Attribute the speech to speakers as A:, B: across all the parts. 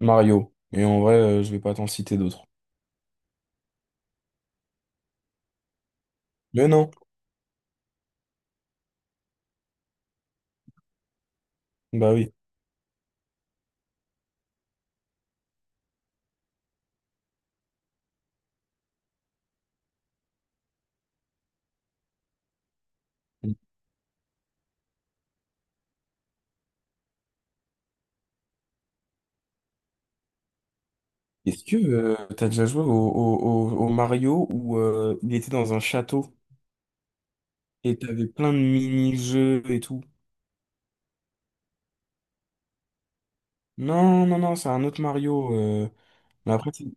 A: Mario. Et en vrai, je vais pas t'en citer d'autres. Mais non, bah oui. Est-ce que t'as déjà joué au, au Mario où il était dans un château et t'avais plein de mini-jeux et tout? Non, non, non, c'est un autre Mario. Mais après,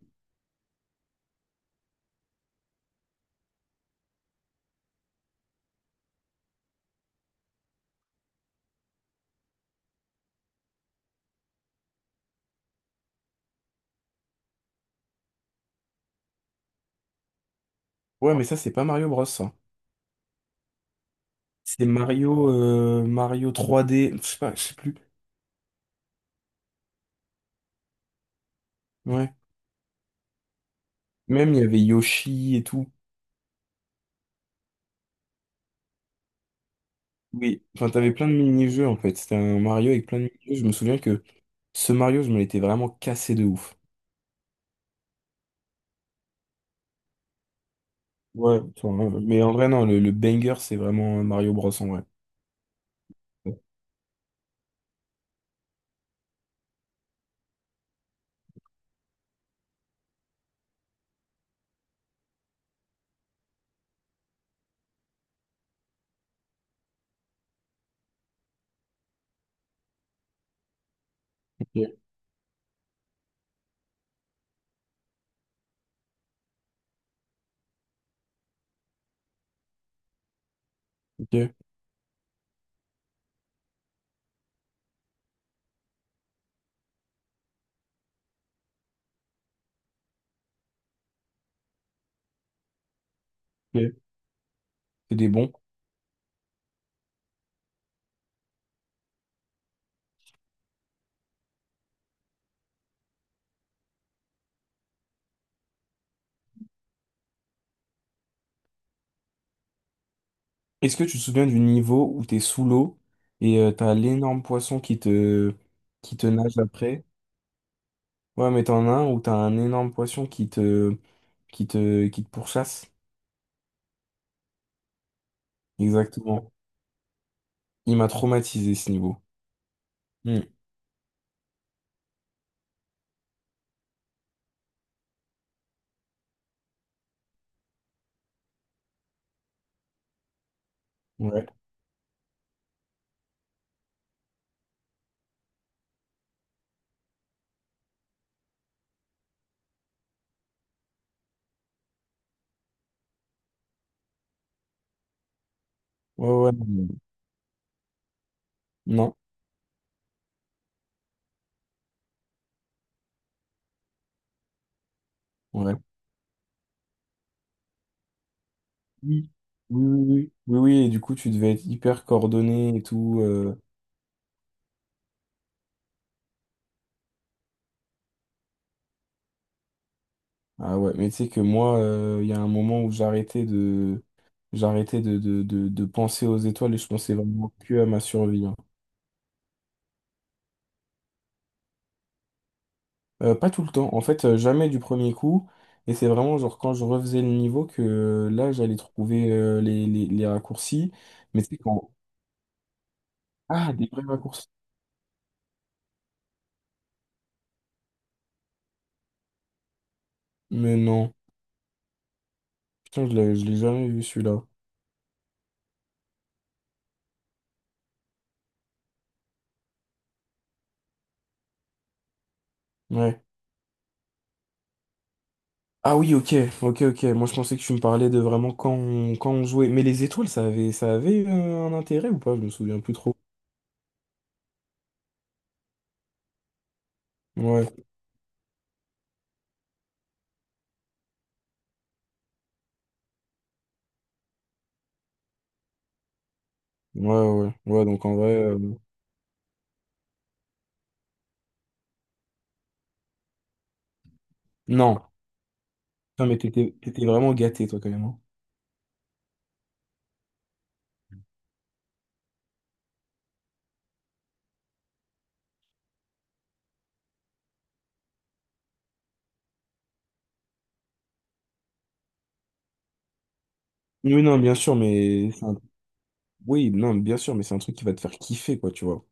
A: ouais, mais ça, c'est pas Mario Bros. Ça. C'est Mario, Mario 3D. Je sais pas, je sais plus. Ouais. Même il y avait Yoshi et tout. Oui. Enfin, t'avais plein de mini-jeux en fait. C'était un Mario avec plein de mini-jeux. Je me souviens que ce Mario, je me l'étais vraiment cassé de ouf. Ouais, enfin, mais en vrai, non, le banger, c'est vraiment Mario Bros. En vrai. Ok, ok. C'est des bons. Est-ce que tu te souviens du niveau où t'es sous l'eau et t'as l'énorme poisson qui te nage après? Ouais, mais t'en as un où t'as un énorme poisson qui te, qui te pourchasse. Exactement. Il m'a traumatisé ce niveau. Hmm. Ouais. Ouais, ouais. Non. Non. Ouais. Oui. Oui, oui, oui. Oui, oui, et du coup, tu devais être hyper coordonné et tout. Ah ouais, mais tu sais que moi, il y a un moment où j'arrêtais de, j'arrêtais de penser aux étoiles et je pensais vraiment que à ma survie, hein. Pas tout le temps, en fait, jamais du premier coup. Et c'est vraiment genre quand je refaisais le niveau que là, j'allais trouver les, les raccourcis. Mais tu sais quand... Ah, des vrais raccourcis. Mais non. Putain, je l'ai jamais vu celui-là. Ouais. Ah oui, ok, ok, ok. Moi, je pensais que tu me parlais de vraiment quand on, quand on jouait. Mais les étoiles, ça avait un intérêt ou pas? Je me souviens plus trop. Ouais. Ouais, ouais, ouais, donc en vrai, non. Putain, mais t'étais vraiment gâté, toi, quand même, hein. Oui, non, bien sûr, mais oui, non, bien sûr, mais c'est un truc qui va te faire kiffer, quoi, tu vois.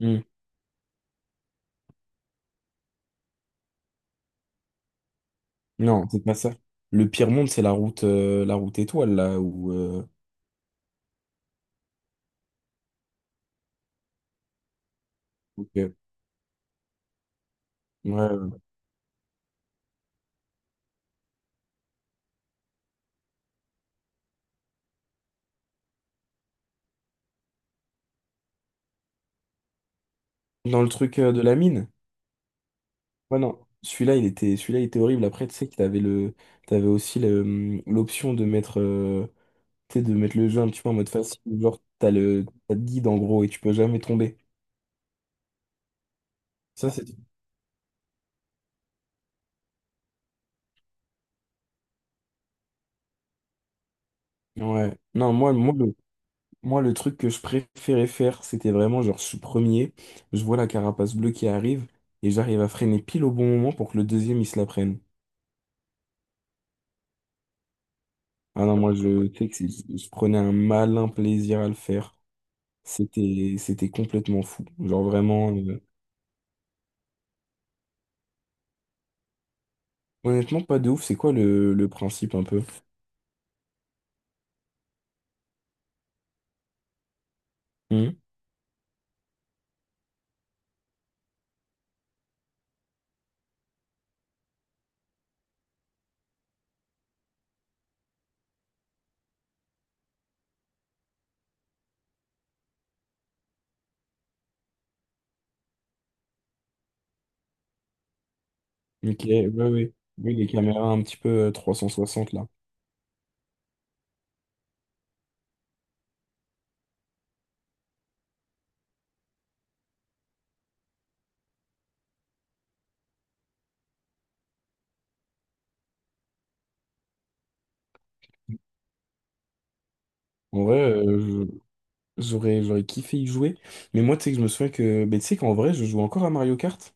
A: Hmm. Non, c'est pas ça. Le pire monde, c'est la route étoile, là, où, ok. Ouais. Ouais. Dans le truc de la mine. Ouais, non. Celui-là, il était horrible. Après, tu sais que t'avais aussi le, l'option de mettre, tu sais, de mettre le jeu un petit peu en mode facile. Genre, t'as le guide, en gros, et tu peux jamais tomber. Ça, c'est ouais. Non, moi, le truc que je préférais faire, c'était vraiment genre, je suis premier, je vois la carapace bleue qui arrive et j'arrive à freiner pile au bon moment pour que le deuxième, il se la prenne. Ah non, moi, je sais que je prenais un malin plaisir à le faire. C'était, c'était complètement fou. Genre vraiment, honnêtement, pas de ouf. C'est quoi le principe un peu? Hmm. Ok, ouais, ouais. Oui, les caméras un petit peu 360 là. En vrai, j'aurais kiffé y jouer. Mais moi, tu sais que je me souviens que, ben, tu sais qu'en vrai, je joue encore à Mario Kart.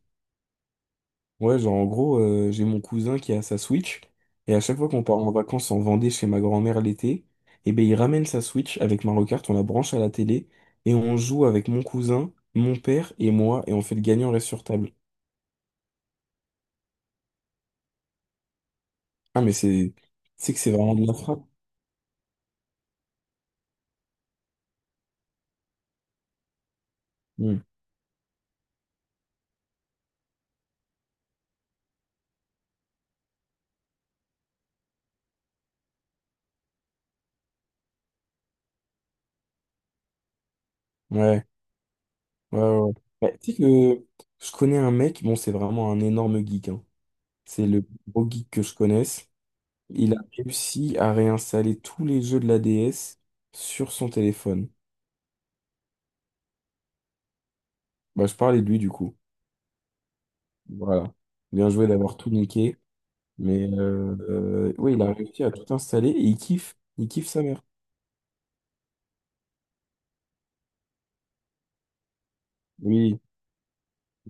A: Ouais, genre, en gros, j'ai mon cousin qui a sa Switch. Et à chaque fois qu'on part en vacances en Vendée chez ma grand-mère l'été, et ben, il ramène sa Switch avec Mario Kart, on la branche à la télé. Et on joue avec mon cousin, mon père et moi. Et on fait le gagnant reste sur table. Ah, mais tu sais que c'est vraiment de la frappe. Mm. Ouais, ouais, ouais. Ouais. Bah, tu sais que je connais un mec, bon, c'est vraiment un énorme geek, hein. C'est le plus gros geek que je connaisse. Il a réussi à réinstaller tous les jeux de la DS sur son téléphone. Bah, je parlais de lui du coup. Voilà. Bien joué d'avoir tout niqué. Mais oui, il a réussi à tout installer et il kiffe. Il kiffe sa mère. Oui,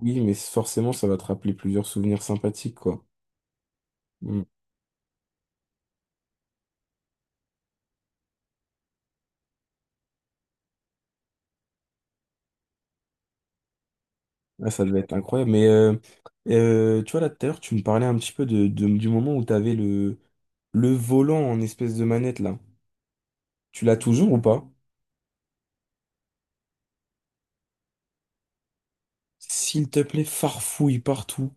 A: oui, mais forcément, ça va te rappeler plusieurs souvenirs sympathiques, quoi. Mm. Ah, ça devait être incroyable. Mais tu vois, là, tout à l'heure, tu me parlais un petit peu de, du moment où tu avais le volant en espèce de manette, là. Tu l'as toujours ou pas? S'il te plaît, farfouille partout.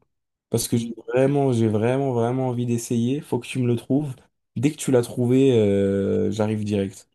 A: Parce que j'ai Mm. vraiment, j'ai vraiment, vraiment envie d'essayer. Faut que tu me le trouves. Dès que tu l'as trouvé, j'arrive direct.